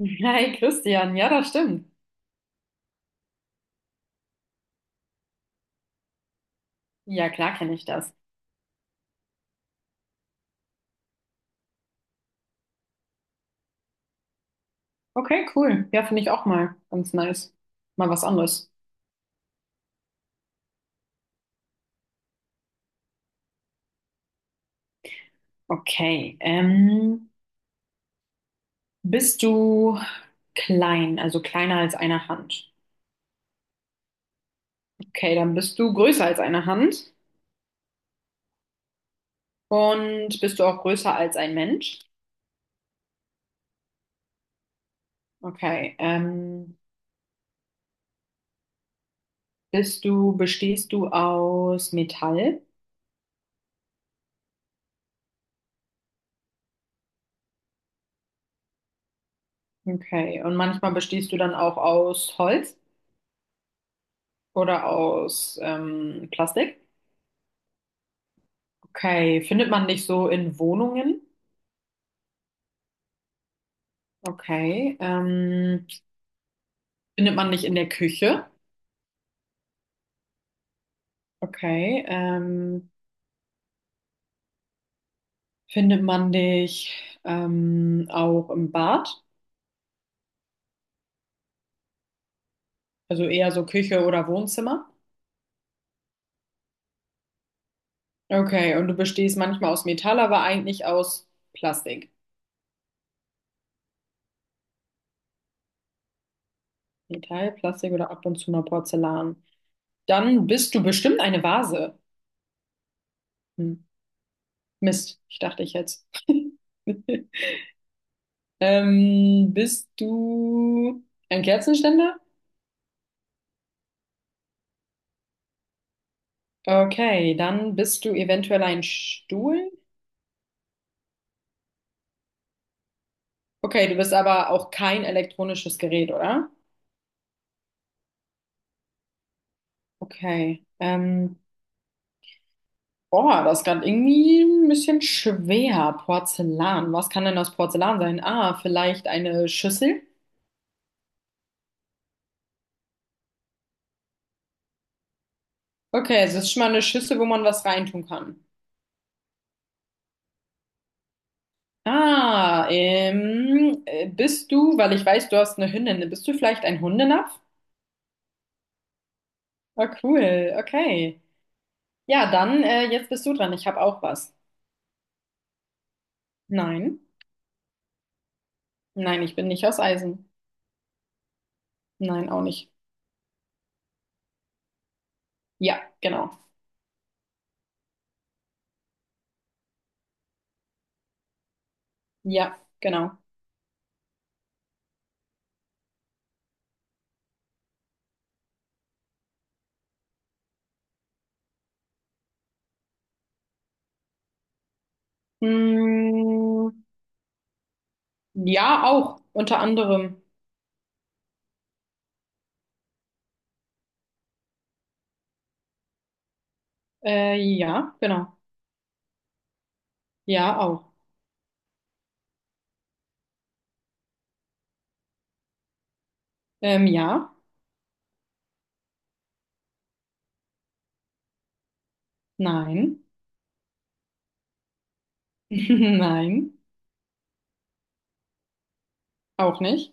Hi Christian, ja, das stimmt. Ja, klar kenne ich das. Okay, cool. Ja, finde ich auch mal ganz nice. Mal was anderes. Okay, bist du klein, also kleiner als eine Hand? Okay, dann bist du größer als eine Hand und bist du auch größer als ein Mensch? Okay, bestehst du aus Metall? Okay, und manchmal bestehst du dann auch aus Holz oder aus Plastik? Okay, findet man nicht so in Wohnungen? Okay, findet man nicht in der Küche? Okay, findet man dich auch im Bad? Also eher so Küche oder Wohnzimmer? Okay, und du bestehst manchmal aus Metall, aber eigentlich aus Plastik. Metall, Plastik oder ab und zu mal Porzellan. Dann bist du bestimmt eine Vase. Hm. Mist, ich dachte ich jetzt. Bist du ein Kerzenständer? Okay, dann bist du eventuell ein Stuhl. Okay, du bist aber auch kein elektronisches Gerät, oder? Okay. Boah, das ist gerade irgendwie ein bisschen schwer. Porzellan. Was kann denn aus Porzellan sein? Ah, vielleicht eine Schüssel? Okay, es ist schon mal eine Schüssel, wo man was reintun kann. Weil ich weiß, du hast eine Hündin, bist du vielleicht ein Hundenapf? Ah, cool, okay. Ja, dann, jetzt bist du dran. Ich habe auch was. Nein. Nein, ich bin nicht aus Eisen. Nein, auch nicht. Ja, genau. Ja, genau. Mm, ja, auch. Unter anderem. Ja, genau. Ja, auch. Ja, nein. Nein, auch nicht.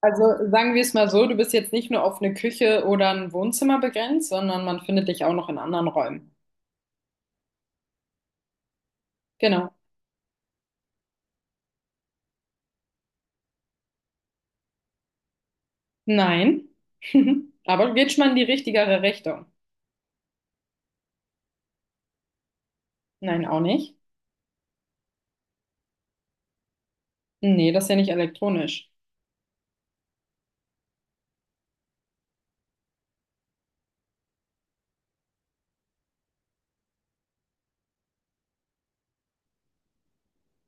Also sagen wir es mal so, du bist jetzt nicht nur auf eine Küche oder ein Wohnzimmer begrenzt, sondern man findet dich auch noch in anderen Räumen. Genau. Nein. Aber geht schon mal in die richtigere Richtung. Nein, auch nicht. Nee, das ist ja nicht elektronisch.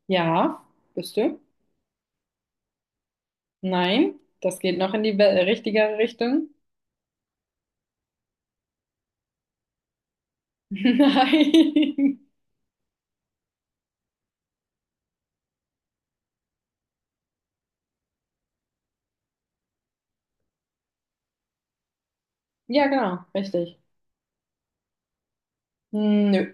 Ja, bist du? Nein, das geht noch in die richtigere Richtung. Nein. Ja, genau, richtig. Hm, nö,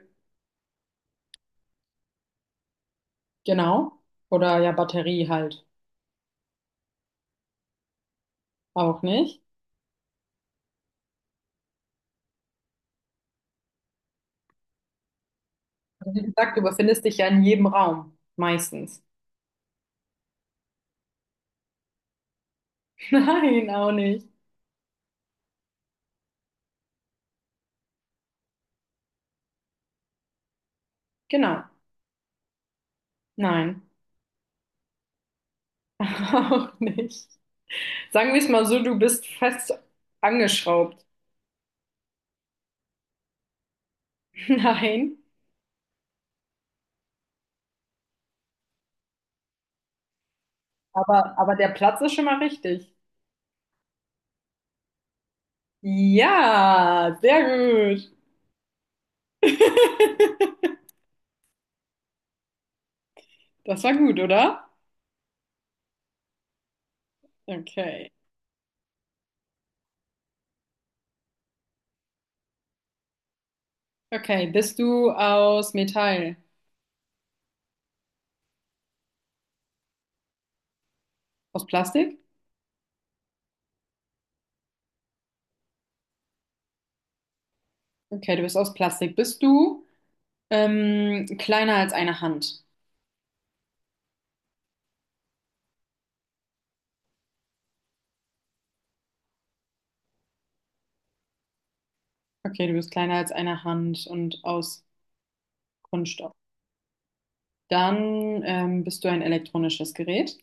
genau. Oder ja, Batterie halt. Auch nicht. Also wie gesagt, du befindest dich ja in jedem Raum. Meistens. Nein, auch nicht. Genau. Nein, auch nicht. Sagen wir es mal so, du bist fest angeschraubt. Nein, aber der Platz ist schon mal richtig. Ja, sehr gut. Das war gut, oder? Okay. Okay, bist du aus Metall? Aus Plastik? Okay, du bist aus Plastik. Bist du kleiner als eine Hand? Okay, du bist kleiner als eine Hand und aus Kunststoff. Dann bist du ein elektronisches Gerät.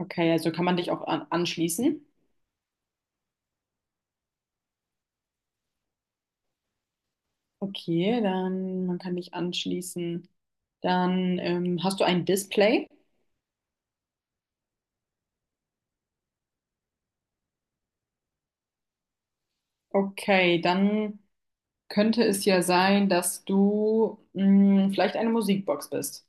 Okay, also kann man dich auch an anschließen. Okay, dann man kann dich anschließen. Dann hast du ein Display. Okay, dann könnte es ja sein, dass du mh, vielleicht eine Musikbox bist.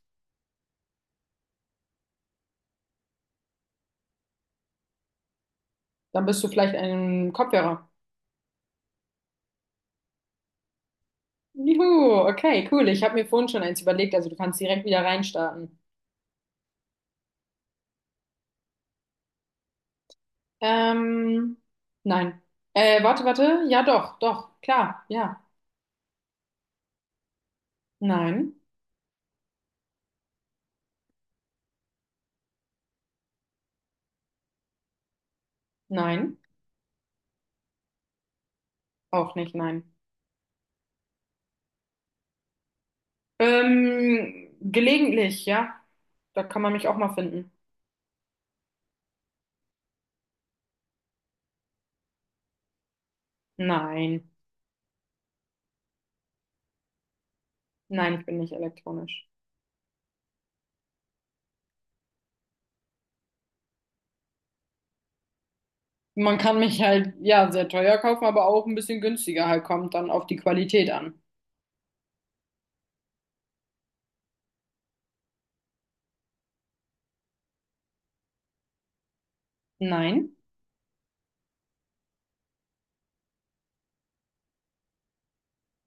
Dann bist du vielleicht ein Kopfhörer. Juhu, okay, cool. Ich habe mir vorhin schon eins überlegt, also du kannst direkt wieder reinstarten. Ähm, nein. Warte, warte. Ja, doch, doch, klar, ja. Nein, nein, auch nicht, nein. Gelegentlich, ja. Da kann man mich auch mal finden. Nein, nein, ich bin nicht elektronisch. Man kann mich halt, ja, sehr teuer kaufen, aber auch ein bisschen günstiger halt, kommt dann auf die Qualität an. Nein,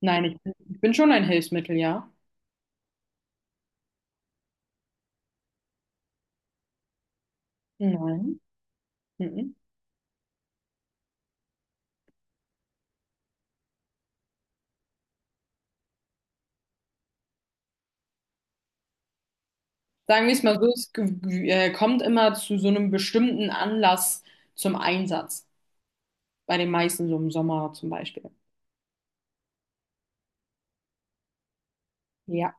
nein, ich bin schon ein Hilfsmittel, ja. Nein. Mhm. Sagen wir es mal so, es kommt immer zu so einem bestimmten Anlass zum Einsatz. Bei den meisten, so im Sommer zum Beispiel. Ja.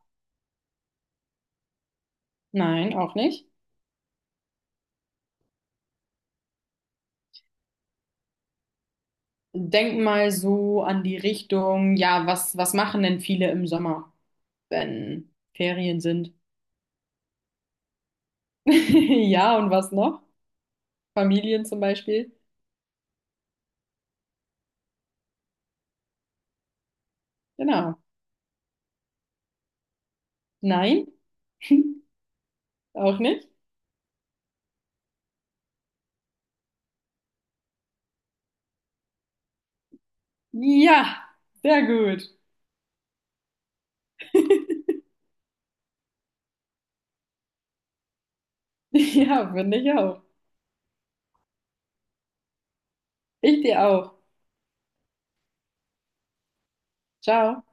Nein, auch nicht. Denk mal so an die Richtung, ja, was, was machen denn viele im Sommer, wenn Ferien sind? Ja, und was noch? Familien zum Beispiel. Genau. Nein, auch nicht. Ja, sehr gut. Ja, finde ich auch. Ich dir auch. Ciao.